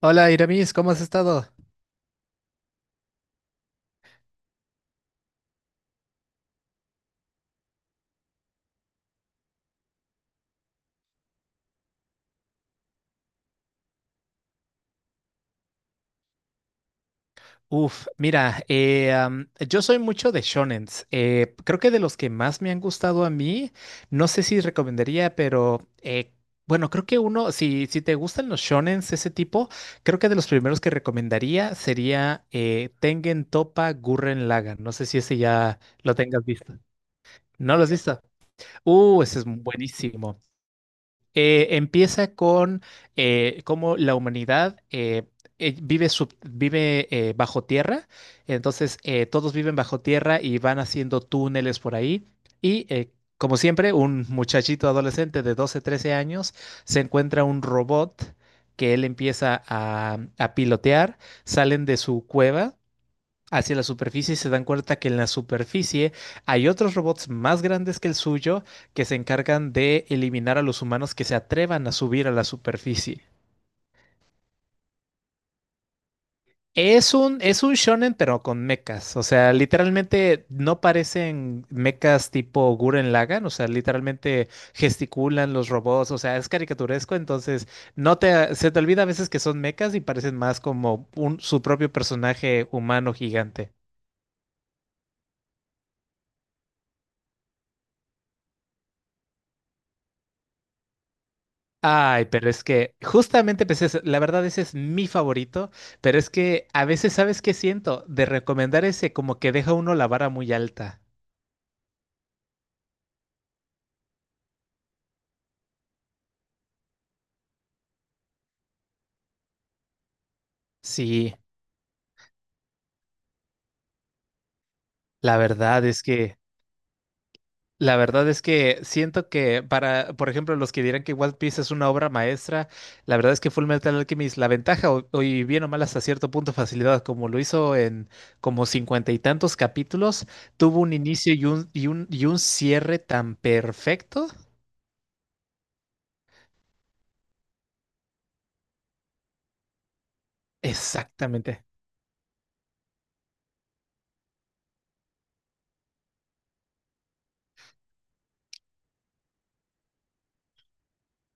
Hola Iramis, ¿cómo has estado? Uf, mira, yo soy mucho de shonens. Creo que de los que más me han gustado a mí, no sé si recomendaría, pero bueno, creo que uno, si te gustan los shonens, ese tipo, creo que de los primeros que recomendaría sería Tengen Toppa Gurren Lagann. No sé si ese ya lo tengas visto. ¿No lo has visto? Ese es buenísimo. Empieza con cómo la humanidad vive, vive bajo tierra, entonces todos viven bajo tierra y van haciendo túneles por ahí y como siempre un muchachito adolescente de 12 13 años se encuentra un robot que él empieza a pilotear, salen de su cueva hacia la superficie y se dan cuenta que en la superficie hay otros robots más grandes que el suyo que se encargan de eliminar a los humanos que se atrevan a subir a la superficie. Es un shonen, pero con mechas. O sea, literalmente no parecen mechas tipo Guren Lagann. O sea, literalmente gesticulan los robots. O sea, es caricaturesco. Entonces, no te, se te olvida a veces que son mechas y parecen más como un, su propio personaje humano gigante. Ay, pero es que justamente pues la verdad ese es mi favorito, pero es que a veces, ¿sabes qué siento? De recomendar ese como que deja uno la vara muy alta. Sí, la verdad es que, la verdad es que siento que para, por ejemplo, los que dirán que One Piece es una obra maestra, la verdad es que Full Metal Alchemist, la ventaja, o y bien o mal hasta cierto punto facilidad, como lo hizo en como 50 y tantos capítulos, tuvo un inicio y un cierre tan perfecto. Exactamente.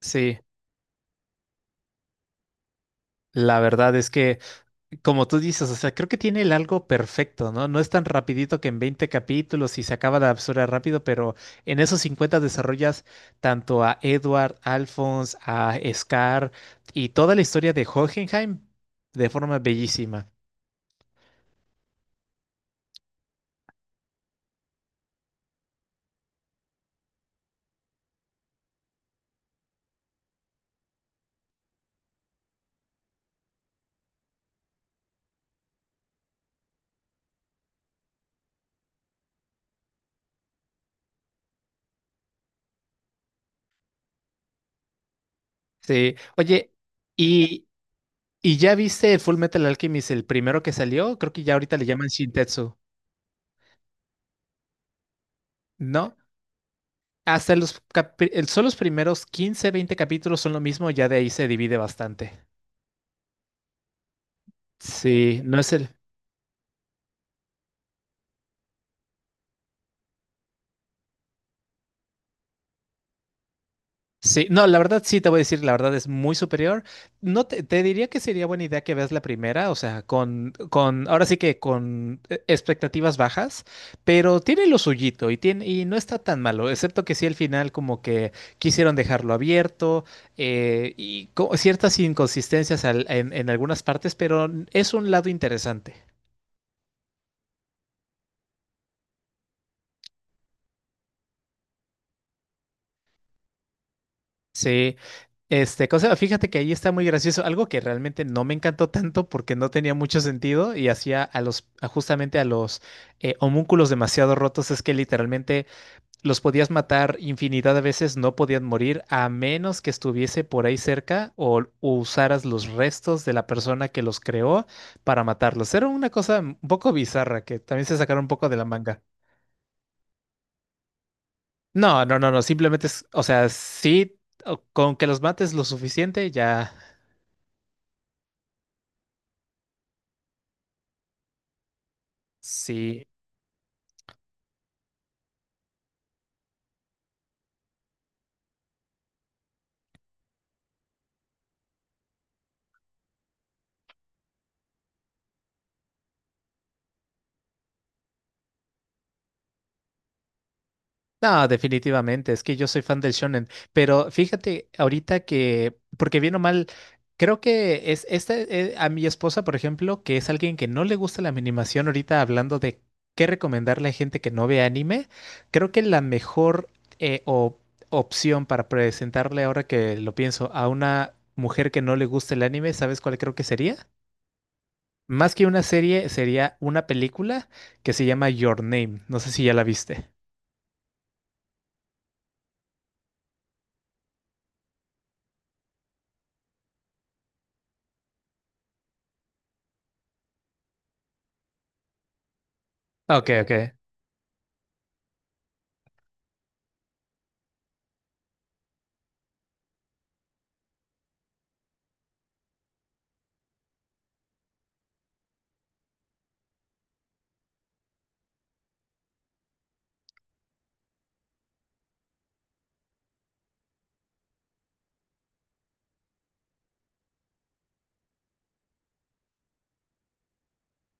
Sí, la verdad es que, como tú dices, o sea, creo que tiene el algo perfecto, ¿no? No es tan rapidito que en 20 capítulos y se acaba la absurda rápido, pero en esos 50 desarrollas tanto a Edward, Alphonse, a Scar y toda la historia de Hohenheim de forma bellísima. Sí, oye, y, y ya viste Full Metal Alchemist, el primero que salió, creo que ya ahorita le llaman Shintetsu, ¿no? Hasta los, son los primeros 15 20 capítulos son lo mismo, ya de ahí se divide bastante. Sí, no es el... Sí, no, la verdad sí te voy a decir, la verdad es muy superior. No te, te diría que sería buena idea que veas la primera, o sea, ahora sí que con expectativas bajas, pero tiene lo suyito y tiene, y no está tan malo, excepto que sí al final como que quisieron dejarlo abierto, ciertas inconsistencias en algunas partes, pero es un lado interesante. Sí, este, cosa, fíjate que ahí está muy gracioso, algo que realmente no me encantó tanto porque no tenía mucho sentido y hacía a los, a justamente a los homúnculos demasiado rotos, es que literalmente los podías matar infinidad de veces, no podían morir a menos que estuviese por ahí cerca o usaras los restos de la persona que los creó para matarlos. Era una cosa un poco bizarra que también se sacaron un poco de la manga. No, no, no, no, simplemente es, o sea, sí, con que los mates lo suficiente ya. Sí, no, definitivamente, es que yo soy fan del shonen, pero fíjate ahorita que, porque bien o mal, creo que es esta, a mi esposa, por ejemplo, que es alguien que no le gusta la animación, ahorita hablando de qué recomendarle a gente que no ve anime, creo que la mejor eh, o- opción para presentarle ahora que lo pienso a una mujer que no le gusta el anime, ¿sabes cuál creo que sería? Más que una serie, sería una película que se llama Your Name, no sé si ya la viste. Ok, ok.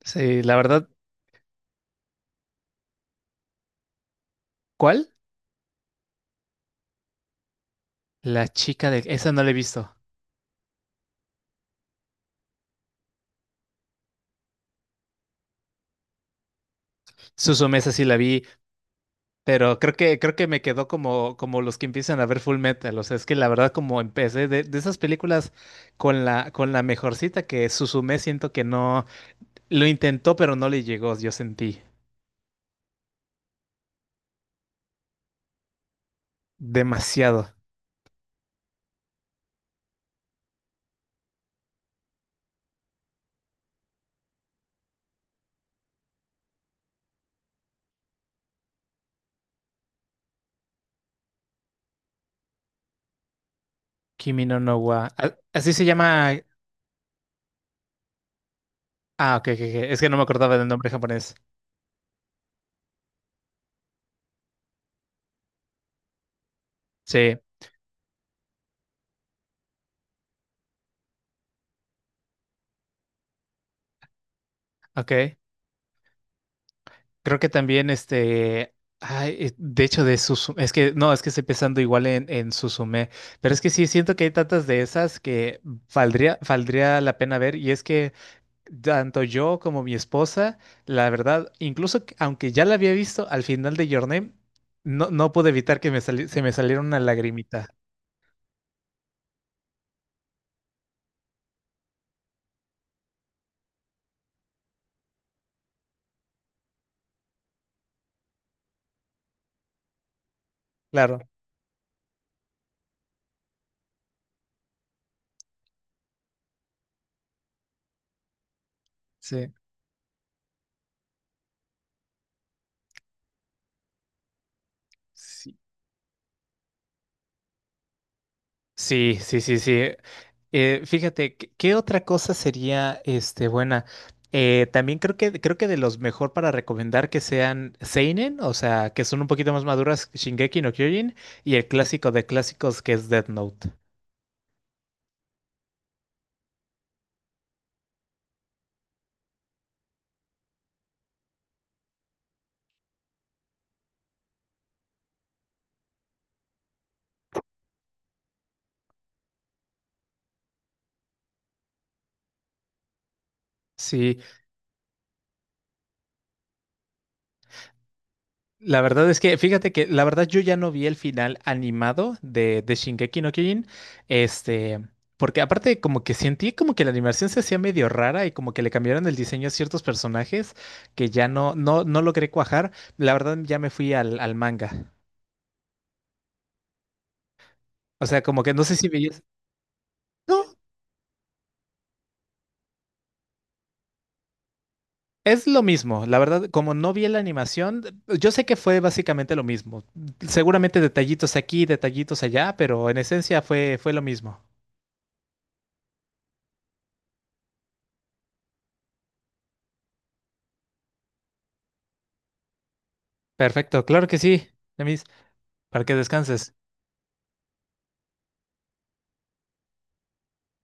Sí, la verdad. ¿Cuál? La chica de... Esa no la he visto. Suzume, esa sí la vi, pero creo que me quedó como, como los que empiezan a ver Full Metal. O sea, es que la verdad, como empecé de esas películas con la mejorcita que Suzume, siento que no... Lo intentó, pero no le llegó, yo sentí. Demasiado. Kimi no no wa... a- así se llama... Ah, ok, ok, ok. Es que no me acordaba del nombre japonés. Sí, ok. Creo que también este, ay, de hecho de Suzume, es que no, es que estoy pensando igual en Suzume, pero es que sí siento que hay tantas de esas que valdría, valdría la pena ver y es que tanto yo como mi esposa, la verdad, incluso aunque ya la había visto al final de Your Name, no, no pude evitar que me se me saliera una lagrimita. Claro, sí. Sí, sí, sí, sí, sí. Fíjate, ¿qué otra cosa sería este buena? También creo que de los mejor para recomendar que sean seinen, o sea, que son un poquito más maduras, Shingeki no Kyojin, y el clásico de clásicos que es Death Note. Sí, la verdad es que, fíjate que, la verdad yo ya no vi el final animado de Shingeki no Kyojin, este, porque aparte como que sentí como que la animación se hacía medio rara y como que le cambiaron el diseño a ciertos personajes que ya no logré cuajar. La verdad ya me fui al manga. O sea, como que no sé si veías... No, es lo mismo. La verdad, como no vi la animación, yo sé que fue básicamente lo mismo. Seguramente detallitos aquí, detallitos allá, pero en esencia fue lo mismo. Perfecto, claro que sí. Demis. Para que descanses.